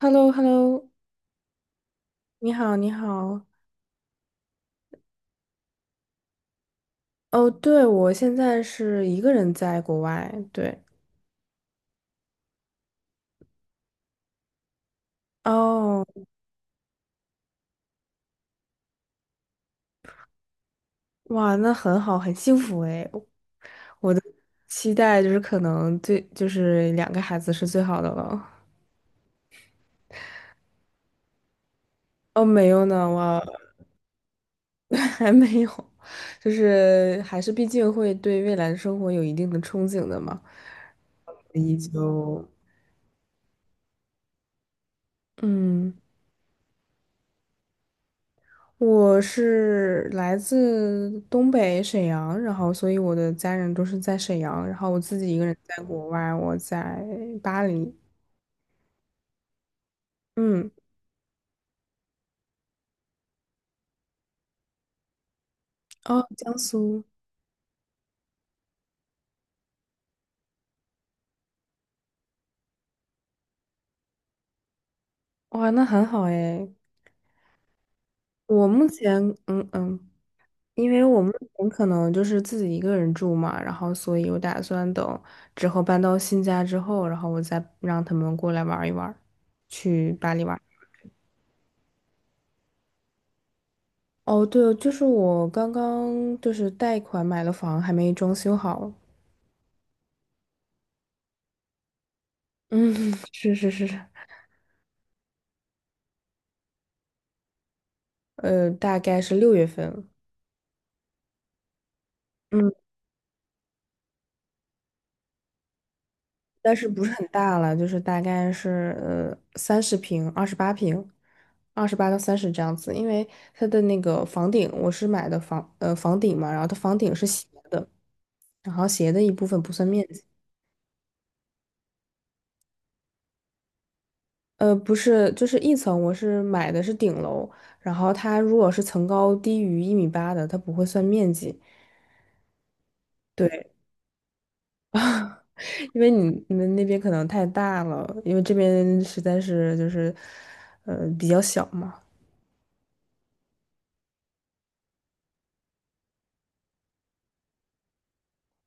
h e l l o h e l l o 你好，你好。哦，对，我现在是一个人在国外。对，哦，哇，那很好，很幸福诶。期待就是可能就是2个孩子是最好的了。哦，没有呢，我 还没有，就是还是毕竟会对未来的生活有一定的憧憬的嘛，所以就嗯。我是来自东北沈阳，然后所以我的家人都是在沈阳，然后我自己一个人在国外，我在巴黎。嗯，哦，江苏，哇，那很好诶。我目前，嗯嗯，因为我目前可能就是自己一个人住嘛，然后所以我打算等之后搬到新家之后，然后我再让他们过来玩一玩去巴黎玩。哦，对，就是我刚刚就是贷款买了房，还没装修好。嗯，是是是是。大概是6月份，嗯，但是不是很大了，就是大概是30平、28平、28到30这样子，因为它的那个房顶，我是买的房顶嘛，然后它房顶是斜的，然后斜的一部分不算面积，不是，就是一层，我是买的是顶楼，然后它如果是层高低于1米8的，它不会算面积。对。因为你们那边可能太大了，因为这边实在是就是，比较小嘛。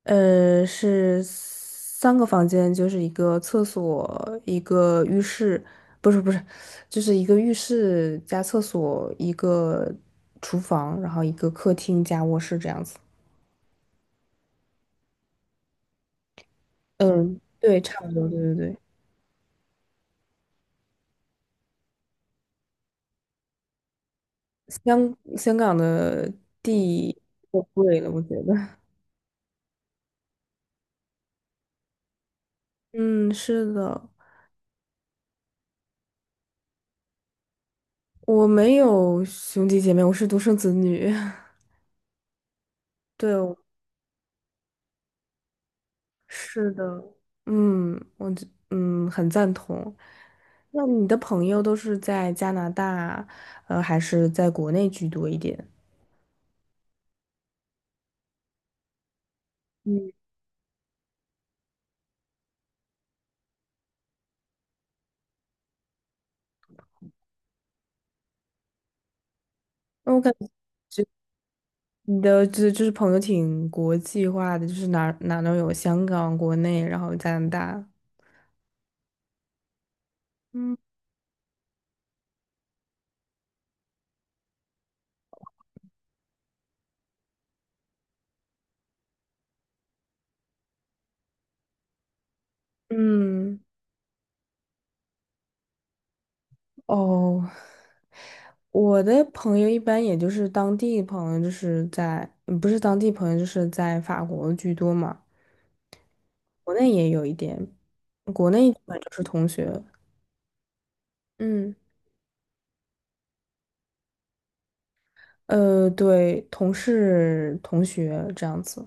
是3个房间，就是一个厕所，一个浴室，不是不是，就是一个浴室加厕所，一个厨房，然后一个客厅加卧室这样子。嗯，对，差不多，对对对。香港的地太贵了，我觉得。嗯，是的。我没有兄弟姐妹，我是独生子女。对，我是的，嗯，我这很赞同。那你的朋友都是在加拿大，还是在国内居多一点？嗯，那我感觉你的就是朋友挺国际化的，就是哪儿哪儿都有，香港、国内，然后加拿大。嗯嗯，哦，我的朋友一般也就是当地朋友，就是在，不是当地朋友，就是在法国居多嘛。国内也有一点，国内基本就是同学，嗯，对，同事、同学这样子。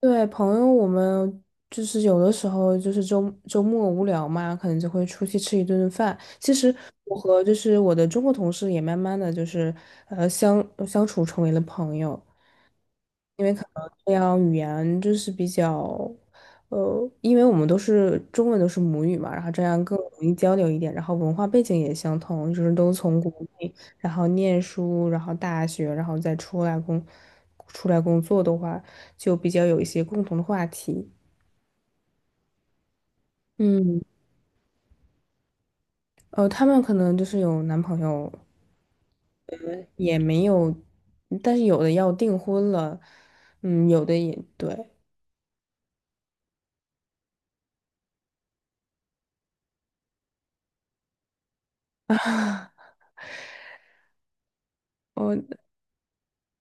对，朋友，我们就是有的时候就是周末无聊嘛，可能就会出去吃一顿饭。其实我和就是我的中国同事也慢慢的就是相处成为了朋友。因为可能这样语言就是比较，因为我们都是中文都是母语嘛，然后这样更容易交流一点，然后文化背景也相同，就是都从国内，然后念书，然后大学，然后再出来工作的话，就比较有一些共同的话题。嗯，他们可能就是有男朋友，呃，也没有，但是有的要订婚了，嗯，有的也对。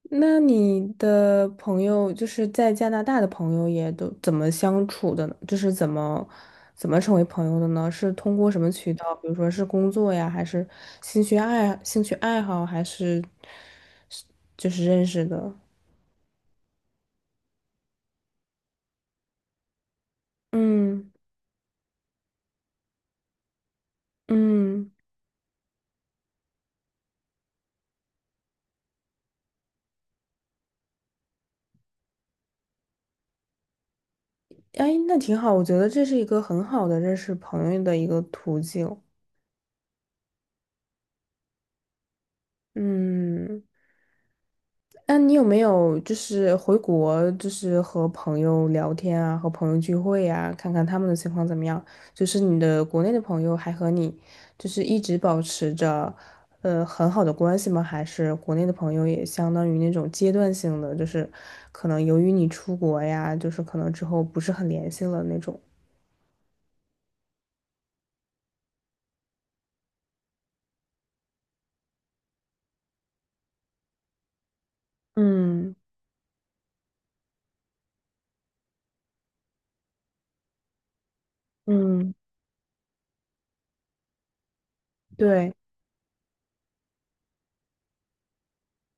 那你的朋友就是在加拿大的朋友也都怎么相处的呢？就是怎么成为朋友的呢？是通过什么渠道？比如说是工作呀，还是兴趣爱好，还是就是认识的？嗯嗯，哎，那挺好，我觉得这是一个很好的认识朋友的一个途径。嗯。那你有没有就是回国，就是和朋友聊天啊，和朋友聚会呀，看看他们的情况怎么样？就是你的国内的朋友还和你就是一直保持着很好的关系吗？还是国内的朋友也相当于那种阶段性的，就是可能由于你出国呀，就是可能之后不是很联系了那种。嗯嗯，对，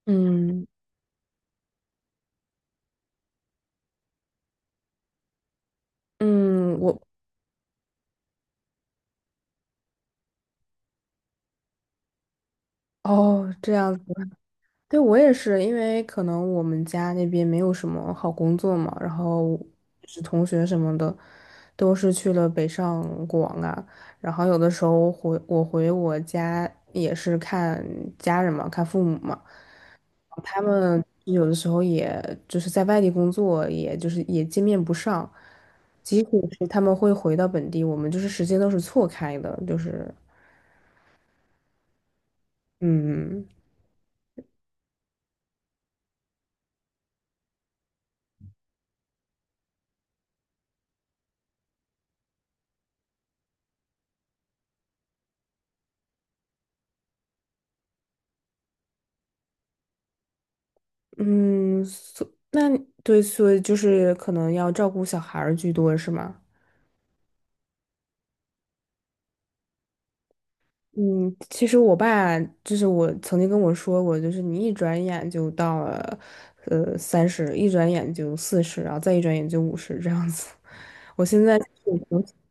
嗯嗯，哦这样。对，我也是，因为可能我们家那边没有什么好工作嘛，然后是同学什么的，都是去了北上广啊，然后有的时候回我家也是看家人嘛，看父母嘛，他们有的时候也就是在外地工作，也就是也见面不上，即使是他们会回到本地，我们就是时间都是错开的，就是嗯。嗯，那对，所以就是可能要照顾小孩儿居多，是吗？嗯，其实我爸就是我曾经跟我说过，就是你一转眼就到了，三十，一转眼就40，然后再一转眼就50这样子。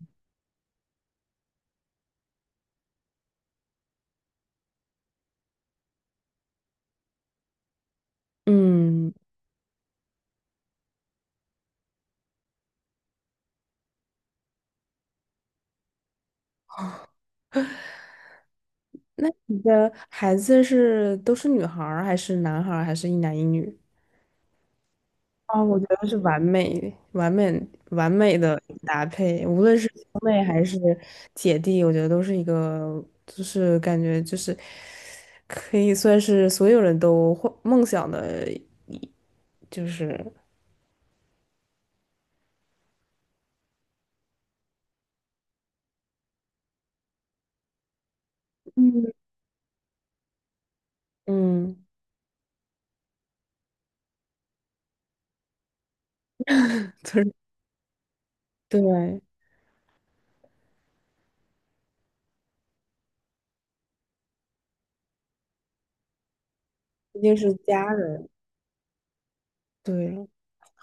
嗯。那你的孩子都是女孩儿，还是男孩儿，还是一男一女？啊，我觉得是完美、完美、完美的搭配，无论是兄妹还是姐弟，我觉得都是一个，就是感觉就是可以算是所有人都幻梦想的就是嗯嗯，就是对，一定是家人，对，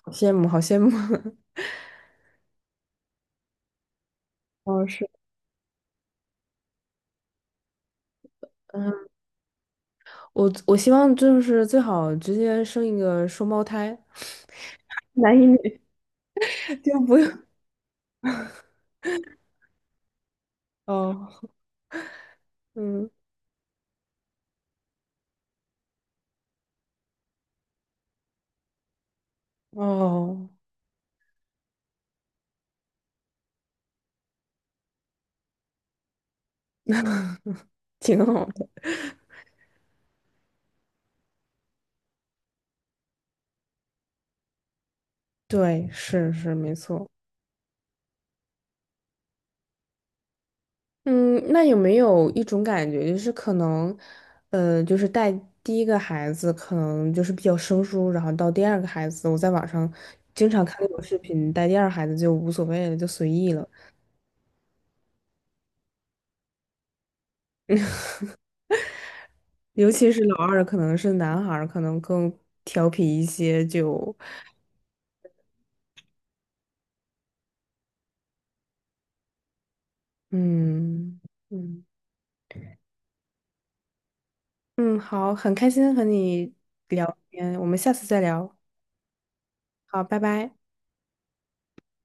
好羡慕，好羡慕。哦，是，嗯，我希望就是最好直接生一个双胞胎，男一女，就不用哦，嗯，哦。挺好的。对，是是没错。嗯，那有没有一种感觉，就是可能，就是带第一个孩子可能就是比较生疏，然后到第二个孩子，我在网上经常看那种视频，带第二孩子就无所谓了，就随意了。尤其是老二，可能是男孩儿，可能更调皮一些，就，嗯嗯嗯，好，很开心和你聊天，我们下次再聊，好，拜拜。